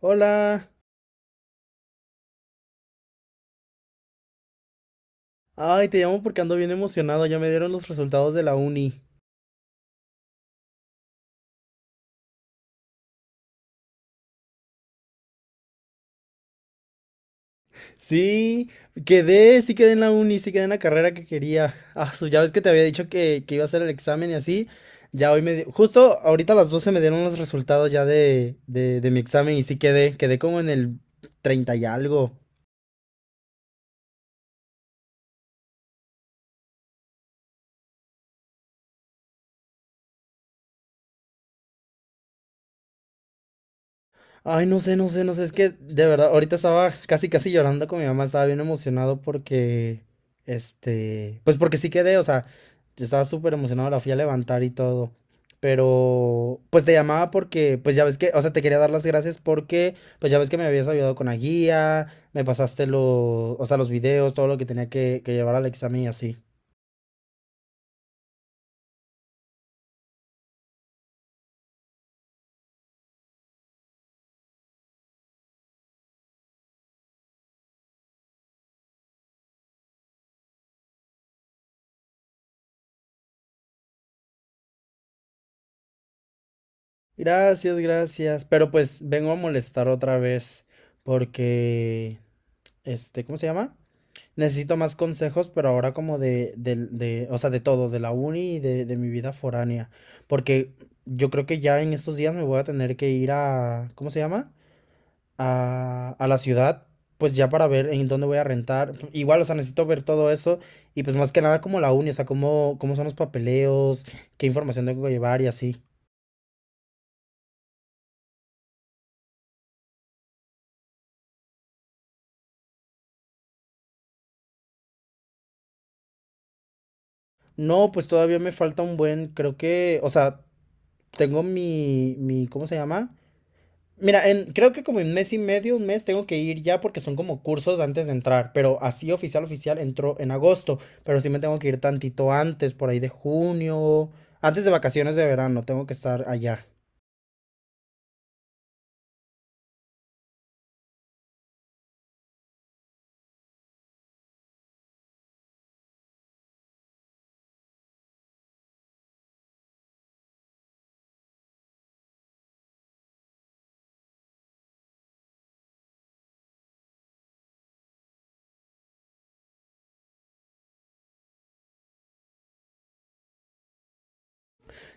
Hola. Ay, te llamo porque ando bien emocionado. Ya me dieron los resultados de la uni. Sí, sí quedé en la uni, sí quedé en la carrera que quería. Ah, ya ves que te había dicho que iba a hacer el examen y así. Justo ahorita a las 12 me dieron los resultados ya de mi examen y sí quedé. Quedé como en el 30 y algo. Ay, no sé, no sé, no sé, es que de verdad, ahorita estaba casi, casi llorando con mi mamá, estaba bien emocionado porque, pues porque sí quedé, o sea, estaba súper emocionado, la fui a levantar y todo, pero pues te llamaba porque, pues ya ves que, o sea, te quería dar las gracias porque, pues ya ves que me habías ayudado con la guía, me pasaste los, o sea, los videos, todo lo que tenía que llevar al examen y así. Gracias, gracias, pero pues vengo a molestar otra vez porque, ¿cómo se llama? Necesito más consejos, pero ahora como de, o sea, de todo, de la uni y de mi vida foránea. Porque yo creo que ya en estos días me voy a tener que ir ¿cómo se llama? A la ciudad, pues ya para ver en dónde voy a rentar. Igual, o sea, necesito ver todo eso y pues más que nada como la uni, o sea, cómo son los papeleos, qué información tengo que llevar y así. No, pues todavía me falta un buen, creo que, o sea, tengo ¿cómo se llama? Mira, creo que como en mes y medio, un mes, tengo que ir ya porque son como cursos antes de entrar, pero así oficial, oficial, entró en agosto, pero sí me tengo que ir tantito antes, por ahí de junio, antes de vacaciones de verano, tengo que estar allá.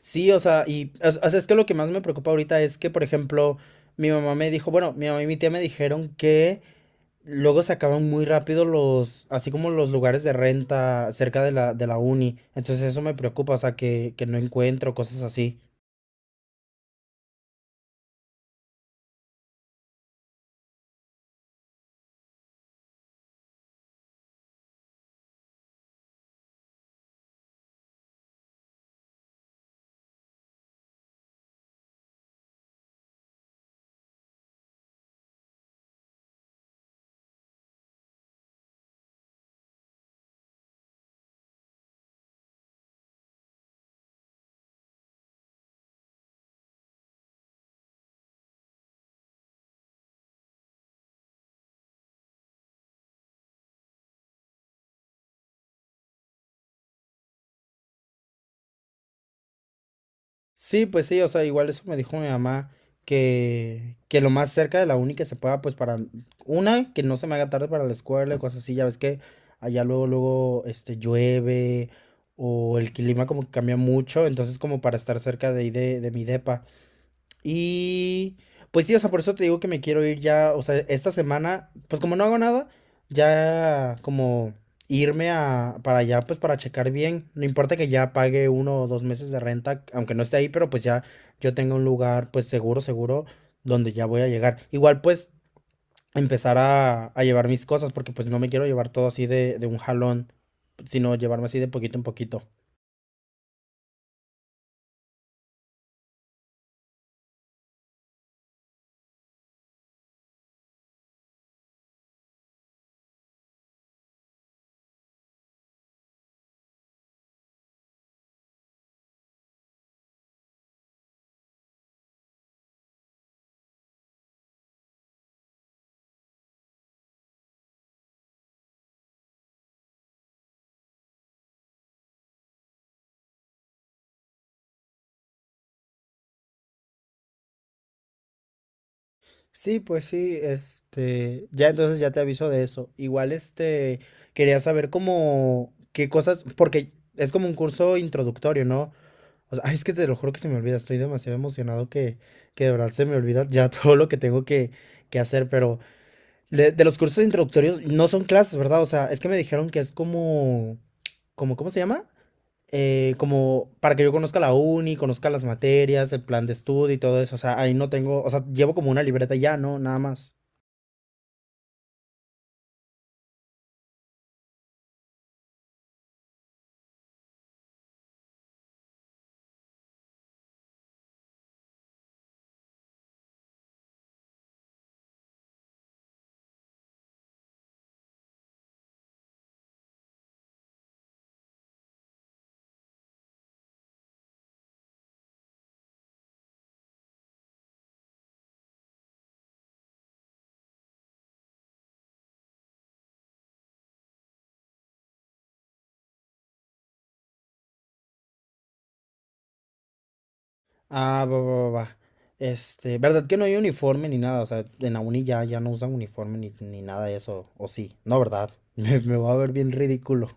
Sí, o sea, y es que lo que más me preocupa ahorita es que, por ejemplo, mi mamá me dijo, bueno, mi mamá y mi tía me dijeron que luego se acaban muy rápido los, así como los lugares de renta cerca de de la uni, entonces eso me preocupa, o sea, que no encuentro cosas así. Sí, pues sí, o sea, igual eso me dijo mi mamá, que lo más cerca de la uni que se pueda, pues para, una, que no se me haga tarde para la escuela y cosas así, ya ves que allá luego, luego, llueve o el clima como que cambia mucho, entonces como para estar cerca de ahí de mi depa. Y pues sí, o sea, por eso te digo que me quiero ir ya, o sea, esta semana, pues como no hago nada, ya como irme a para allá, pues para checar bien. No importa que ya pague 1 o 2 meses de renta, aunque no esté ahí, pero pues ya yo tenga un lugar, pues seguro, seguro, donde ya voy a llegar. Igual pues empezar a llevar mis cosas, porque pues no me quiero llevar todo así de un jalón, sino llevarme así de poquito en poquito. Sí, pues sí, ya entonces ya te aviso de eso. Igual, quería saber cómo, qué cosas, porque es como un curso introductorio, ¿no? O sea, ay, es que te lo juro que se me olvida, estoy demasiado emocionado que de verdad se me olvida ya todo lo que tengo que hacer, pero de los cursos introductorios no son clases, ¿verdad? O sea, es que me dijeron que es como, ¿cómo se llama? Como para que yo conozca la uni, conozca las materias, el plan de estudio y todo eso. O sea, ahí no tengo, o sea, llevo como una libreta y ya, ¿no? Nada más. Ah, va, va, va, va. ¿Verdad que no hay uniforme ni nada? O sea, en la uni ya no usan uniforme ni nada de eso. O sí, no, ¿verdad? Me voy a ver bien ridículo.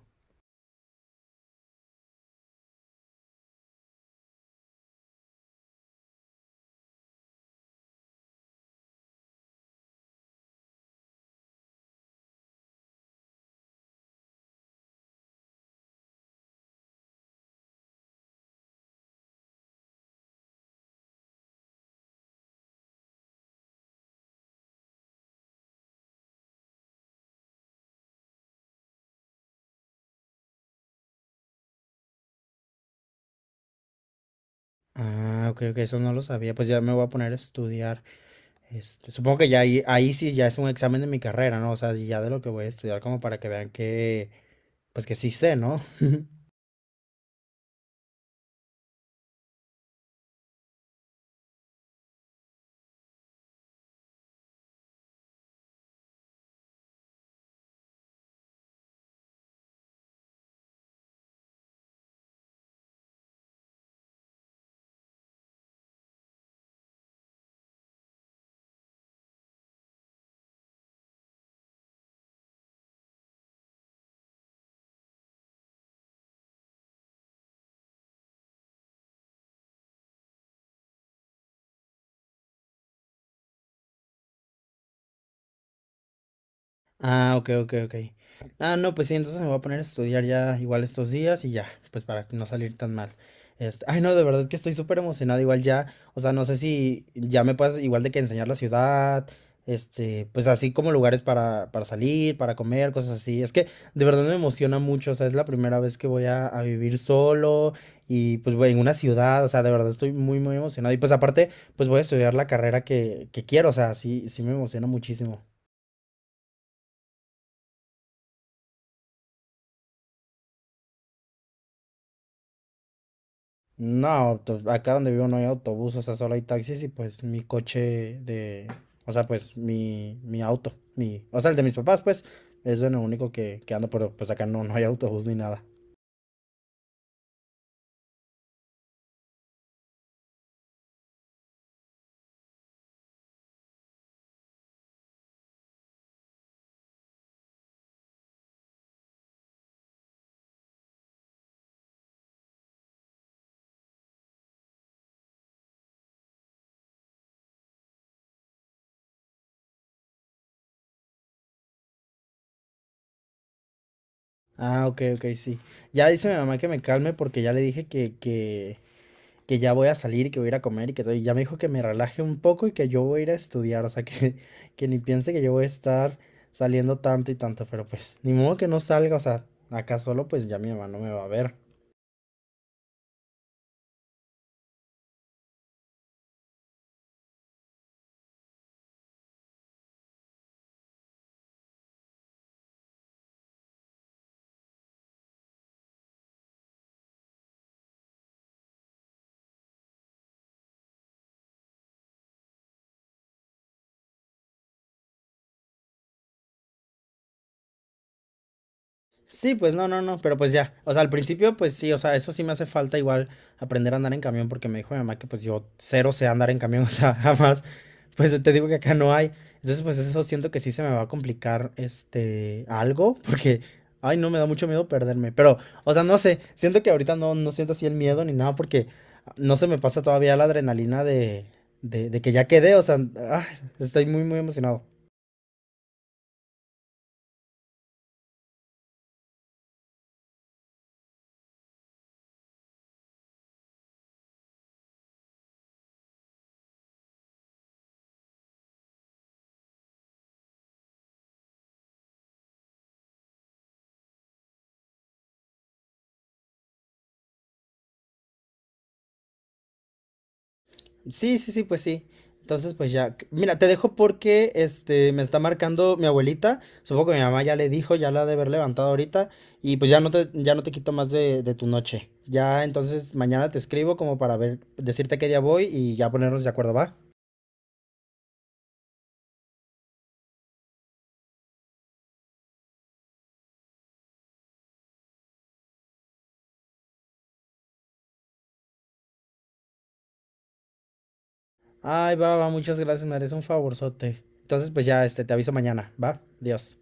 Ah, ok, ok, eso no lo sabía. Pues ya me voy a poner a estudiar. Supongo que ya ahí sí ya es un examen de mi carrera, ¿no? O sea, ya de lo que voy a estudiar como para que vean que, pues que sí sé, ¿no? Ah, ok, ok, ok. Ah, no, pues sí, entonces me voy a poner a estudiar ya igual estos días y ya, pues para no salir tan mal. Ay, no, de verdad que estoy súper emocionado igual ya, o sea, no sé si ya me puedas igual de que enseñar la ciudad, pues así como lugares para salir, para comer, cosas así. Es que de verdad me emociona mucho, o sea, es la primera vez que voy a vivir solo y pues voy en una ciudad, o sea, de verdad estoy muy, muy emocionado. Y pues aparte, pues voy a estudiar la carrera que quiero, o sea, sí, sí me emociona muchísimo. No, acá donde vivo no hay autobús, o sea, solo hay taxis y pues mi coche de, o sea, pues mi auto, mi, o sea, el de mis papás, pues, es lo único que ando, pero pues acá no hay autobús ni nada. Ah, ok, ok, sí. Ya dice mi mamá que me calme porque ya le dije que ya voy a salir y que voy a ir a comer y que todo, y ya me dijo que me relaje un poco y que yo voy a ir a estudiar, o sea, que ni piense que yo voy a estar saliendo tanto y tanto, pero pues, ni modo que no salga, o sea, acá solo pues ya mi mamá no me va a ver. Sí, pues no, no, no, pero pues ya, o sea, al principio pues sí, o sea, eso sí me hace falta igual aprender a andar en camión porque me dijo mi mamá que pues yo cero sé andar en camión, o sea, jamás, pues te digo que acá no hay, entonces pues eso siento que sí se me va a complicar algo porque, ay, no, me da mucho miedo perderme, pero, o sea, no sé, siento que ahorita no siento así el miedo ni nada porque no se me pasa todavía la adrenalina de que ya quedé, o sea, ah, estoy muy, muy emocionado. Sí, sí, sí, pues sí. Entonces, pues ya, mira, te dejo porque me está marcando mi abuelita. Supongo que mi mamá ya le dijo, ya la ha de haber levantado ahorita. Y pues ya no te quito más de tu noche. Ya, entonces mañana te escribo como para ver, decirte qué día voy y ya ponernos de acuerdo, ¿va? Ay, va, va, muchas gracias, me eres un favorzote. Entonces, pues ya, te aviso mañana, ¿va? Adiós.